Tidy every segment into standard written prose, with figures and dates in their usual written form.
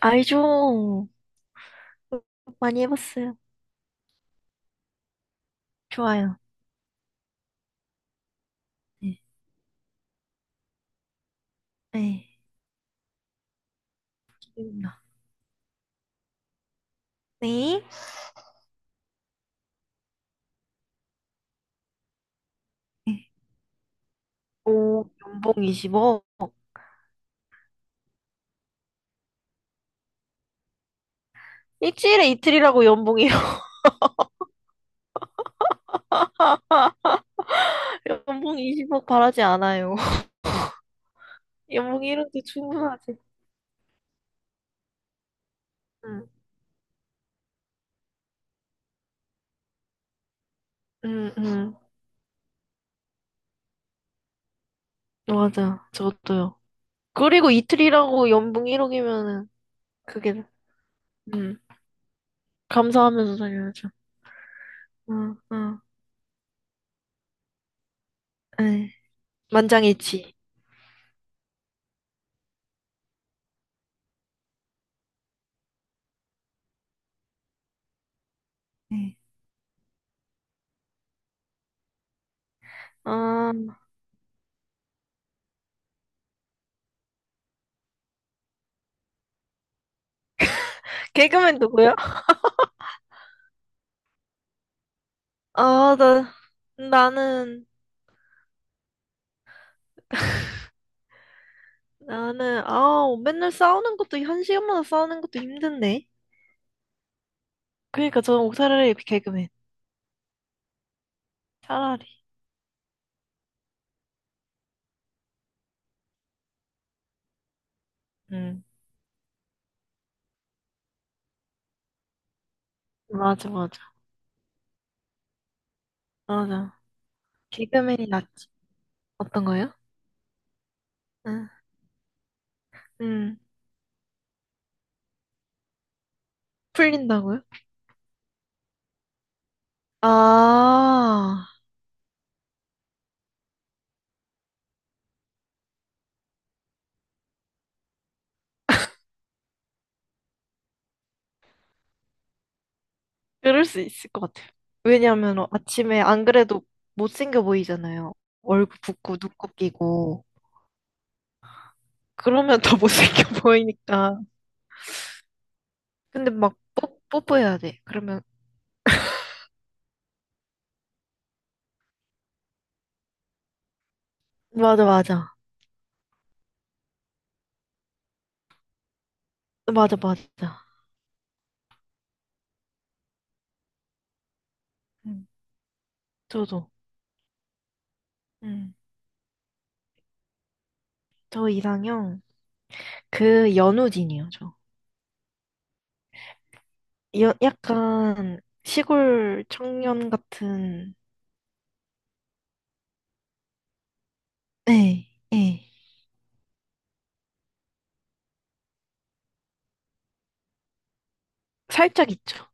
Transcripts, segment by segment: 알죠. 많이 해봤어요. 좋아요. 네. 네. 기대된다. 네. 네. 오, 연봉 20억. 일주일에 이틀이라고 연봉이요. 연봉 20억 바라지 않아요. 연봉 1억도 충분하지. 응, 응, 응. 맞아. 저도요. 그리고 이틀이라고 연봉 1억이면은, 그게, 응, 감사하면서 살려야죠. 응, 응. 네. 만장일치. 네. 아, 개그맨 누구야? 아, 나는, 나는 아우 맨날 싸우는 것도 한 시간마다 싸우는 것도 힘든데. 그러니까 저는 옥살라리 개그맨 차라리. 응, 맞아, 맞아, 맞아, 개그맨이 낫지. 어떤 거요? 응, 응. 풀린다고요? 아, 그럴 수 있을 것 같아요. 왜냐하면 아침에 안 그래도 못생겨 보이잖아요. 얼굴 붓고 눈곱 끼고 그러면 더 못생겨 보이니까. 근데 막 뽀뽀해야 돼. 그러면 맞아, 맞아, 맞아, 맞아. 응, 저도. 음, 저 이상형, 그 연우진이요, 저. 약간 시골 청년 같은, 네, 네. 살짝 있죠.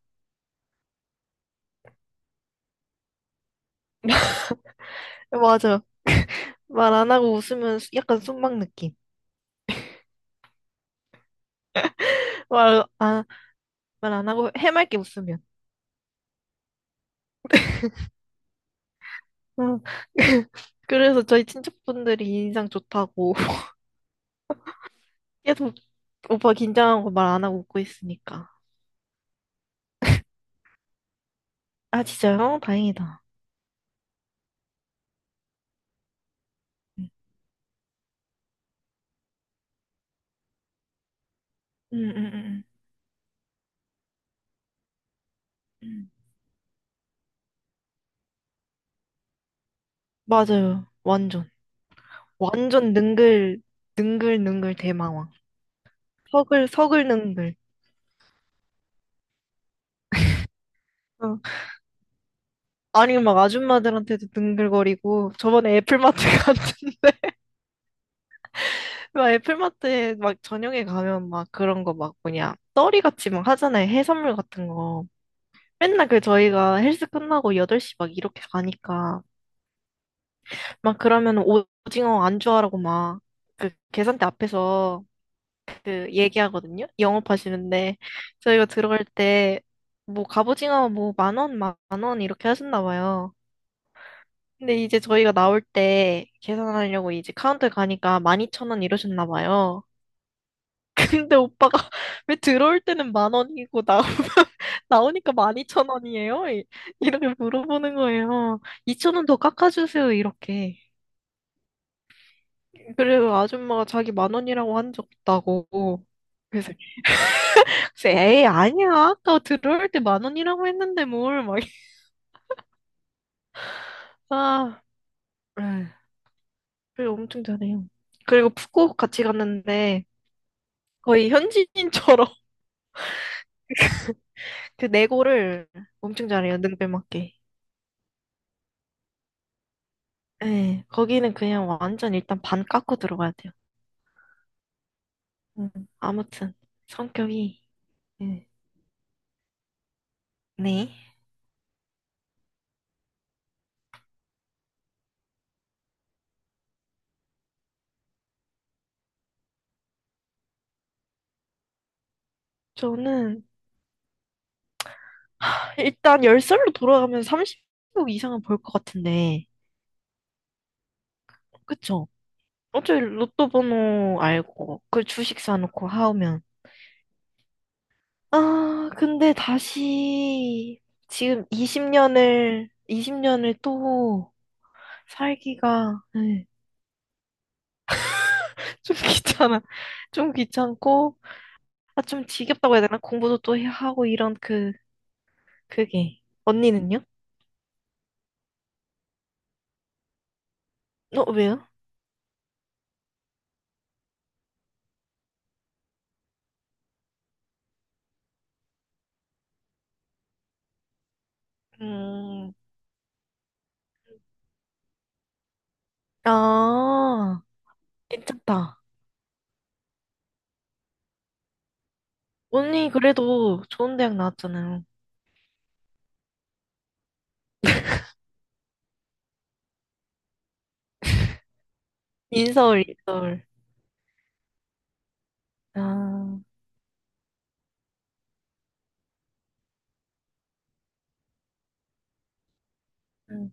맞아. 말 안 하고 웃으면 약간 순막 느낌. 말, 아, 말 안 하고 해맑게 웃으면. 어. 그래서 저희 친척분들이 인상 좋다고. 계속 오빠 긴장하고 말 안 하고 웃고 있으니까. 아, 진짜요? 다행이다. 음, 음, 음, 음. 음. 맞아요. 완전. 완전 능글능글 대망왕. 서글능글. 어. 아니, 막 아줌마들한테도 능글거리고, 저번에 애플마트 갔는데, 막 애플마트에 막 저녁에 가면 막 그런 거 막 뭐냐, 떠리같이 막 하잖아요. 해산물 같은 거. 맨날 그 저희가 헬스 끝나고 8시 막 이렇게 가니까, 막 그러면 오징어 안주하라고 막, 그 계산대 앞에서 그 얘기하거든요. 영업하시는데 저희가 들어갈 때 뭐 갑오징어 뭐 10,000원, 10,000원 이렇게 하셨나 봐요. 근데 이제 저희가 나올 때 계산하려고 이제 카운터 가니까 12,000원 이러셨나 봐요. 근데 오빠가 왜 들어올 때는 10,000원이고 나 나오니까 12,000원이에요? 이렇게 물어보는 거예요. 2,000원 더 깎아주세요, 이렇게. 그래서 아줌마가 자기 10,000원이라고 한 적 없다고. 그래서 에이, 아니야. 아까 들어올 때 10,000원이라고 했는데 뭘, 막. 아, 에이, 그리고 엄청 잘해요. 그리고 푸꾸옥 같이 갔는데 거의 현지인처럼 그 내고를 엄청 잘해요. 능배맞게. 예, 거기는 그냥 완전 일단 반 깎고 들어가야 돼요. 음, 아무튼 성격이 예. 네. 저는 일단 10살로 돌아가면 30억 이상은 벌 것 같은데, 그쵸? 어차피 로또 번호 알고, 그 주식 사놓고 하면 아, 근데 다시 지금 20년을 또 살기가 네, 좀 귀찮아. 좀 귀찮고, 아, 좀 지겹다고 해야 되나? 공부도 또 해야 하고 이런 그게. 언니는요? 어, 왜요? 음, 아, 괜찮다. 언니 그래도 좋은 대학 나왔잖아요. 인서울, 인서울. 아, 응,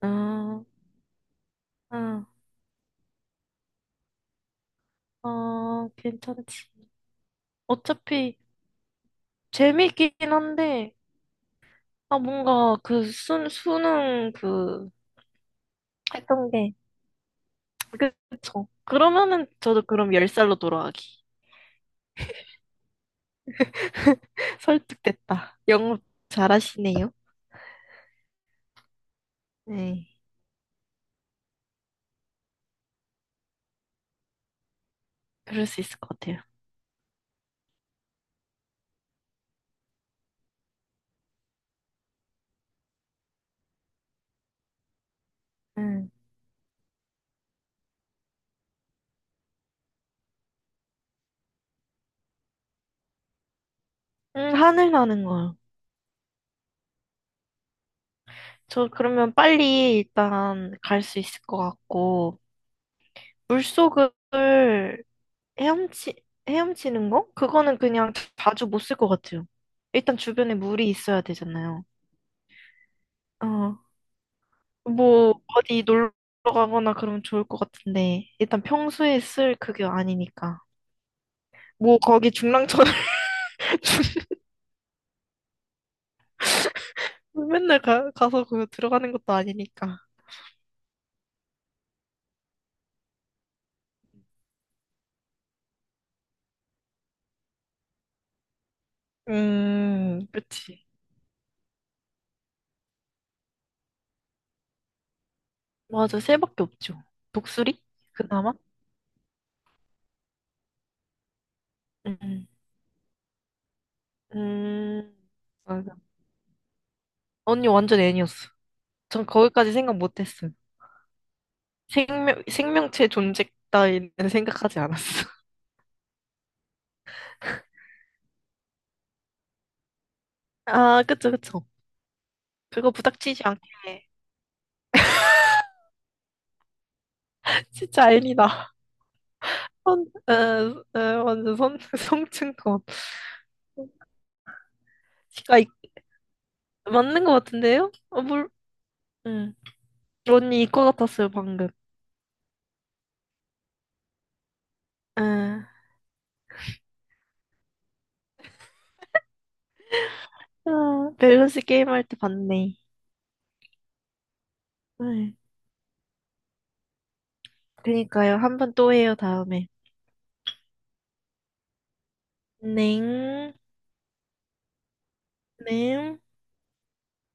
아, 아, 괜찮지. 어차피, 재밌긴 한데, 아, 뭔가 그 수능 그 했던 게, 그- 쵸 그러면은 저도 그럼 10살로 돌아가기. 설득됐다. 영업 잘하시네요. 네, 그럴 수 있을 것 같아요. 음, 하늘 나는 거요. 저 그러면 빨리 일단 갈 수 있을 것 같고, 물속을 헤엄치, 헤엄치는 거? 그거는 그냥 자주 못 쓸 것 같아요. 일단 주변에 물이 있어야 되잖아요. 어, 뭐 어디 놀러 가거나 그러면 좋을 것 같은데 일단 평소에 쓸 그게 아니니까 뭐 거기 중랑천 중- 맨날 가서 그 들어가는 것도 아니니까. 음, 그치. 맞아, 새밖에 없죠. 독수리 그나마. 음, 음 맞아. 언니 완전 애니였어. 전 거기까지 생각 못했어요. 생명체 존재 따위는 생각하지 않았어. 아, 그쵸, 그쵸. 그거 부닥치지 않게. 진짜 애니다. 선, 에, 에, 완전 선, 성층권. 이과 맞는 것 같은데요? 어, 응. 언니 이과 같았어요, 방금. 에, 아, 밸런스 게임 할 때 봤네. 에, 그니까요. 한번 또 해요, 다음에. 넹, 넹.